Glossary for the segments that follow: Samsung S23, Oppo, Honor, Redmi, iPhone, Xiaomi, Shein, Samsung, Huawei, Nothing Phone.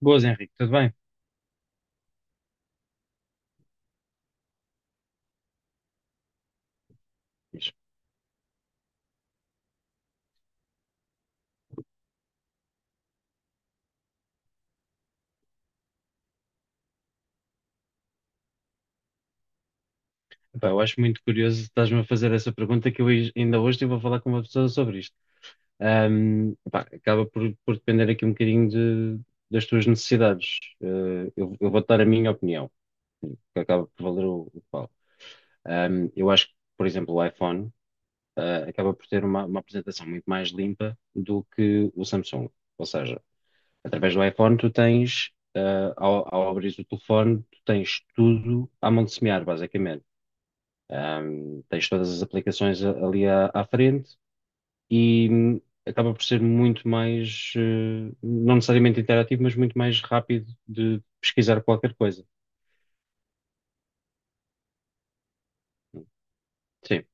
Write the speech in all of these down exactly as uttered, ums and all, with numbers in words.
Boas, Henrique, tudo bem? Fixe. Epá, eu acho muito curioso estás-me a fazer essa pergunta que eu hoje- ainda hoje estive a falar com uma pessoa sobre isto. Ahm, epá, acaba por, por depender aqui um bocadinho de- das tuas necessidades. Eh, eu, eu vou dar a minha opinião, que acaba por valer o, o que vale. Ahm, eu acho que, por exemplo, o iPhone, ah, acaba por ter uma, uma apresentação muito mais limpa do que o Samsung. Ou seja, através do iPhone tu tens, ah, ao, ao abrir o telefone, tu tens tudo à mão de semear, basicamente. Um, tens todas as aplicações a- ali à, à frente e hum, acaba por ser muito mais, eh, não necessariamente interativo, mas muito mais rápido de pesquisar qualquer coisa. Sim,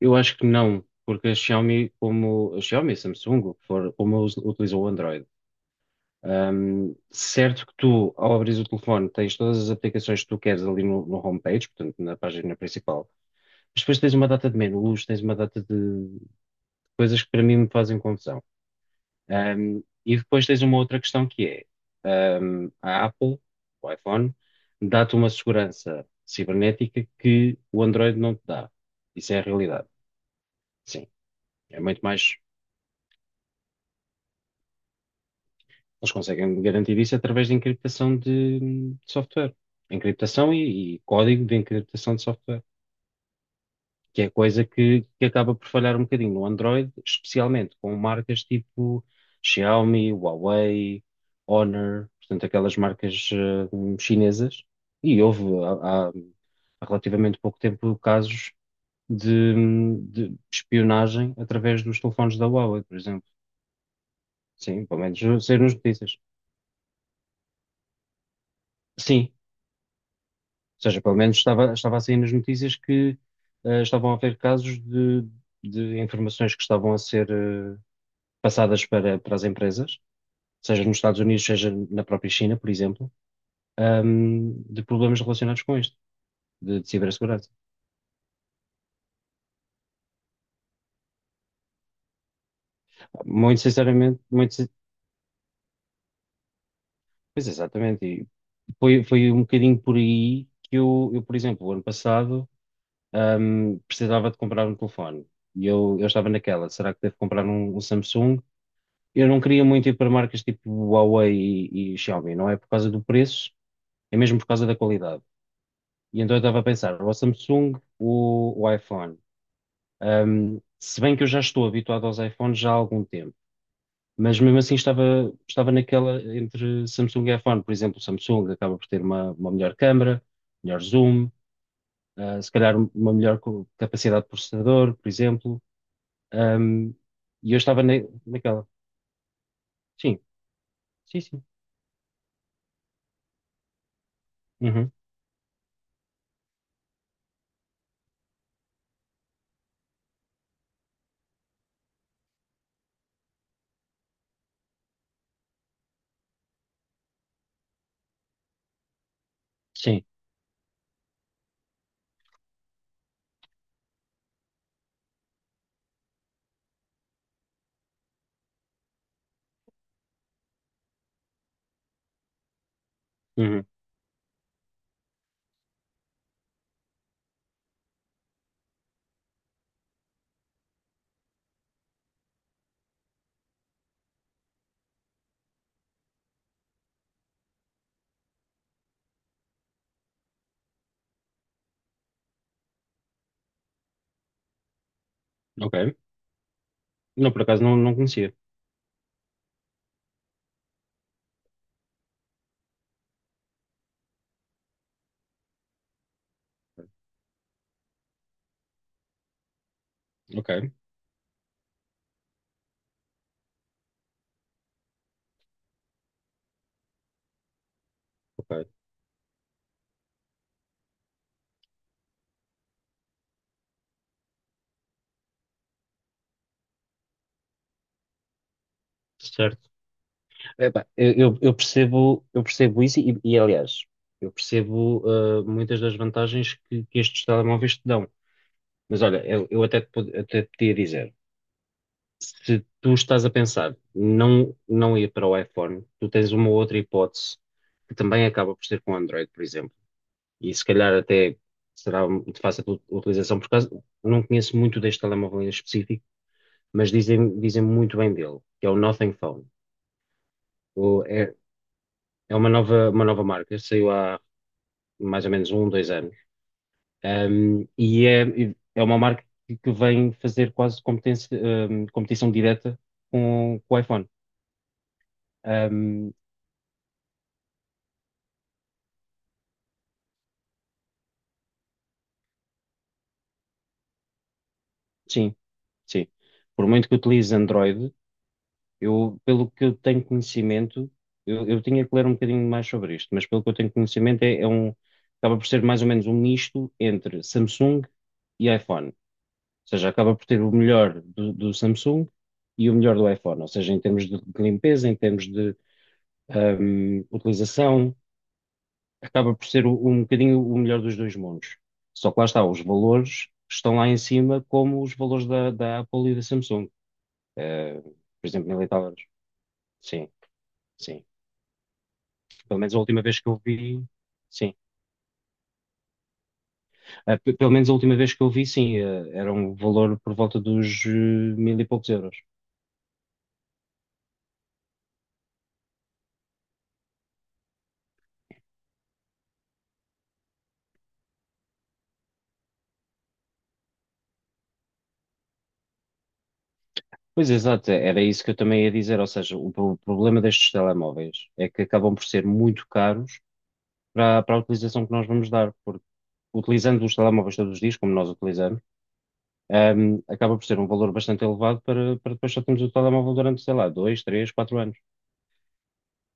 eu acho que não, porque a Xiaomi, como a Xiaomi, Samsung, o que for, como us- utiliza o Android, hum, certo que tu, ao abrir o telefone, tens todas as aplicações que tu queres ali no, no homepage, portanto, na página principal, mas depois tens uma data de menus, tens uma data de coisas que para mim me fazem confusão. Um, e depois tens uma outra questão que é, um, a Apple, o iPhone, dá-te uma segurança cibernética que o Android não te dá. Isso é a realidade. Sim, é muito mais. Eles conseguem garantir isso através de encriptação de, de software. Encriptação e, e código de encriptação de software. Que é coisa que, que acaba por falhar um bocadinho no Android, especialmente com marcas tipo Xiaomi, Huawei, Honor, portanto, aquelas marcas eh, chinesas. E houve há, há- há relativamente pouco tempo casos de, de espionagem através dos telefones da Huawei, por exemplo. Sim, pelo menos saiu nas notícias. Sim, ou seja, pelo menos estava, estava a sair nas notícias que eh, estavam a haver casos de, de informações que estavam a ser eh, passadas para, para as empresas, seja nos Estados Unidos, seja na própria China, por exemplo, ahm, de problemas relacionados com isto, de, de cibersegurança. Muito sinceramente, muito, sin- pois exatamente, e foi, foi um bocadinho por aí que eu, eu, por exemplo, o ano passado, ahm, precisava de comprar um telefone. E eu, eu estava naquela, será que devo comprar um, um Samsung? Eu não queria muito ir para marcas tipo Huawei e, e Xiaomi, não é por causa do preço, é mesmo por causa da qualidade. E então eu estava a pensar, o Samsung, o, o iPhone. Um, se bem que eu já estou habituado aos iPhones já há algum tempo, mas mesmo assim estava, estava naquela entre Samsung e iPhone. Por exemplo, o Samsung acaba por ter uma, uma melhor câmara, melhor zoom, ah, se calhar uma melhor co- capacidade de processador, por exemplo. Um, e eu estava na- naquela. Sim, sim, sim. Uhum, sim. Uhum, ok. Não, por acaso não, não conhecia. Ok, ok. Certo. Epá, eu, eu- eu percebo, eu percebo isso e, e, aliás, eu percebo ah, muitas das vantagens que, que estes telemóveis te dão. Mas olha, eu, eu até, te, pod- até te podia dizer, se tu estás a pensar não, não ir para o iPhone, tu tens uma outra hipótese que também acaba por ser com Android, por exemplo. E se calhar até será de fácil ut- utilização, por causa, não conheço muito deste telemóvel em específico, mas dizem, dizem muito bem dele, que é o Nothing Phone. O- é, é uma nova, uma nova marca, saiu mais ou menos um, dois anos. Um, e é, é uma marca que que vem fazer quase competência, um, competição direta com, com o iPhone. Um, sim, sim. Por muito que utilize Android, eu, pelo que eu tenho conhecimento, eu, eu tinha que ler um bocadinho mais sobre isto, mas pelo que eu tenho conhecimento, é, é um, acaba por ser mais ou menos um misto entre Samsung e iPhone. Ou seja, acaba por ter o melhor do, do Samsung e o melhor do iPhone. Ou seja, em termos de, de limpeza, em termos hum, utilização, acaba por ser o- um bocadinho o melhor dos dois mundos. Só que lá está, os valores estão lá em cima, como os valores da, da Apple e da Samsung. Eh, por exemplo, mil e tal euros. Sim, sim. Pelo menos a última vez que eu vi, sim. Ah, pe- pelo menos a última vez que eu vi, sim, eh, era um valor por volta dos eh, mil e poucos euros. Pois exato, era isso que eu também ia dizer. Ou seja, o pro- problema destes telemóveis é que acabam por ser muito caros para, para a utilização que nós vamos dar utilizando os telemóveis todos os dias, como nós utilizamos, ahm, acaba por ser um valor bastante elevado para, para depois só termos o telemóvel durante, sei lá, dois, três, quatro anos.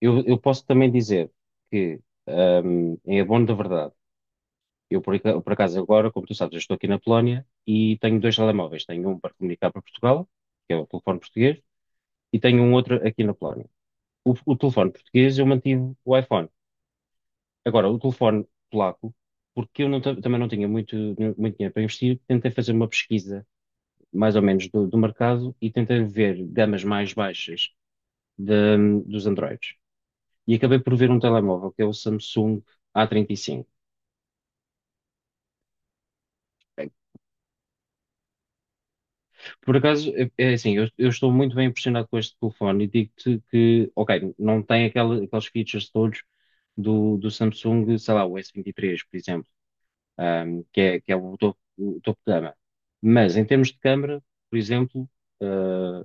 Eu, eu posso também dizer que, ahm, em abono da verdade, eu por, aca- por acaso agora, como tu sabes, eu estou aqui na Polónia e tenho dois telemóveis. Tenho um para comunicar para Portugal, que é o telefone português, e tenho um outro aqui na Polónia. O, o telefone português eu mantive o iPhone. Agora, o telefone polaco, porque eu não ta- também não tinha muito, muito dinheiro para investir, tentei fazer uma pesquisa mais ou menos do, do mercado e tentei ver gamas mais baixas de- dos Androids. E acabei por ver um telemóvel que é o Samsung A trinta e cinco. Por acaso, é é assim, eu, eu estou muito bem impressionado com este telefone e digo-te que, ok, não tem aquela, aqueles features todos do, do Samsung, sei lá, o S vinte e três, por exemplo, ahm, que é, que é o topo, o topo de gama. Mas em termos de câmara, por exemplo, ah,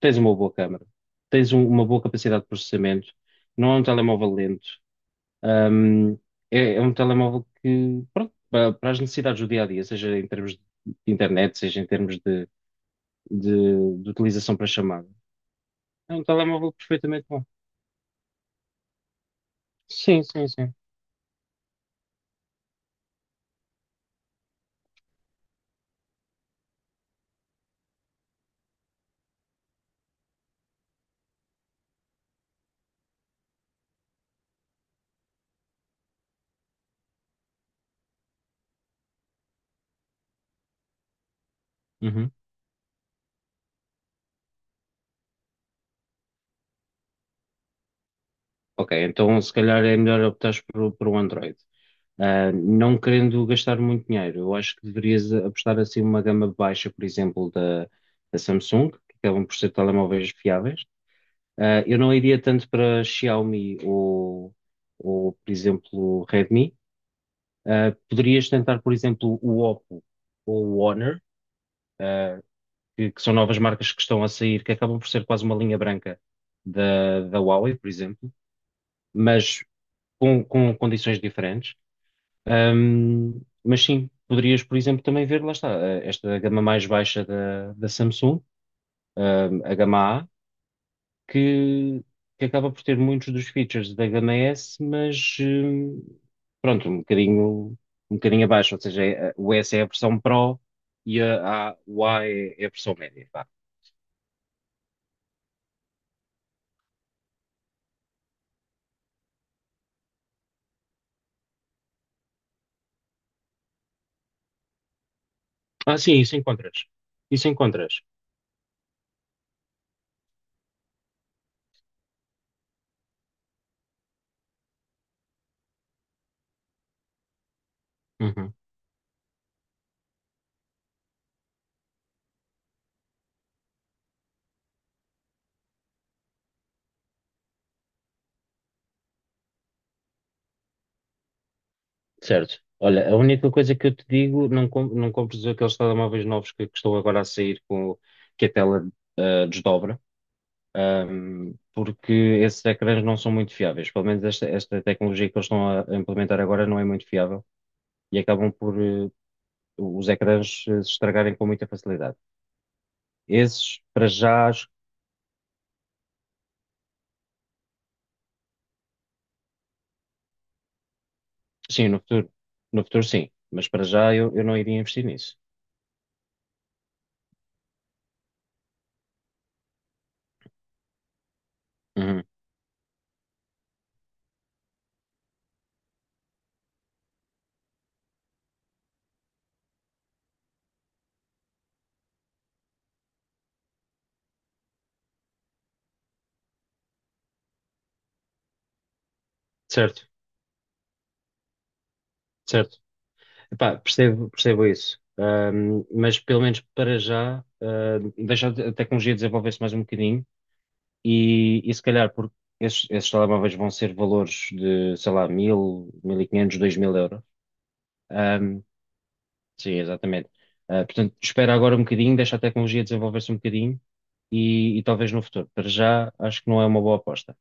tens uma boa câmara, tens um- uma boa capacidade de processamento, não é um telemóvel lento, hum, é, é um telemóvel que, pronto, pa- para, as necessidades do dia a dia, seja em termos de internet, seja em termos de, de- de utilização para chamada, é um telemóvel perfeitamente bom. Sim, sim, sim. Uhum. Ok, então se calhar é melhor optar por, por um Android. Ah, não querendo gastar muito dinheiro, eu acho que deverias apostar assim uma gama baixa, por exemplo, da, da Samsung, que acabam por ser telemóveis fiáveis. Ah, eu não iria tanto para Xiaomi ou, ou, por exemplo, Redmi. Ah, poderias tentar, por exemplo, o Oppo ou o Honor, ah, que, que são novas marcas que estão a sair, que acabam por ser quase uma linha branca da, da Huawei, por exemplo, mas com, com condições diferentes. Ahm, mas sim, poderias, por exemplo, também ver, lá está, ah, esta gama mais baixa da, da Samsung, ahm, a gama A, que, que acaba por ter muitos dos features da gama S, mas hum, pronto, um bocadinho, um bocadinho abaixo, ou seja, é- o S é a versão Pro e a, a- o A é, é a versão média, vá. Ah, sim, isso encontras. Isso encontras. Uhum. Certo. Olha, a única coisa que eu te digo, não, com- não compres aqueles telemóveis novos que, que estão agora a sair com que a tela ah, desdobra. Um, porque esses ecrãs não são muito fiáveis. Pelo menos esta, esta tecnologia que eles estão a implementar agora não é muito fiável e acabam por eh, os ecrãs eh, se estragarem com muita facilidade. Esses, para já, acho que sim, no futuro, no futuro sim, mas para já eu, eu não iria investir nisso. Uhum. Certo, certo. Epá, percebo, percebo isso. Um, mas pelo menos para já, eh, deixar a tecnologia desenvolver-se mais um bocadinho. E, e se calhar, porque esses, esses telemóveis vão ser valores de, sei lá, mil, mil e quinhentos, dois mil euros. Ahm, sim, exatamente. Ah, portanto, espera agora um bocadinho, deixa a tecnologia desenvolver-se um bocadinho e, e talvez no futuro. Para já, acho que não é uma boa aposta.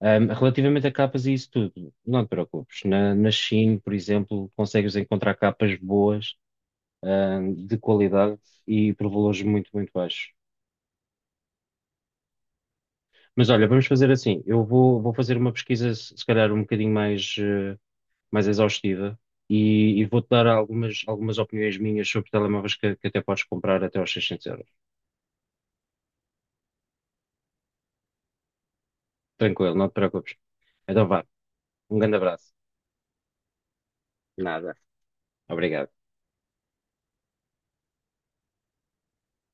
Ahm, relativamente a capas e isso tudo, não te preocupes. Na, na Shein, por exemplo, consegues encontrar capas boas, ahm, de qualidade e por valores muito, muito baixos. Mas olha, vamos fazer assim. Eu vou, vou fazer uma pesquisa, se se calhar, um bocadinho mais, eh, mais exaustiva e, e vou-te dar algumas, algumas opiniões minhas sobre telemóveis que, que até podes comprar até aos seiscentos euros. Tranquilo, não te preocupes. Então vá, um grande abraço. Nada. Obrigado.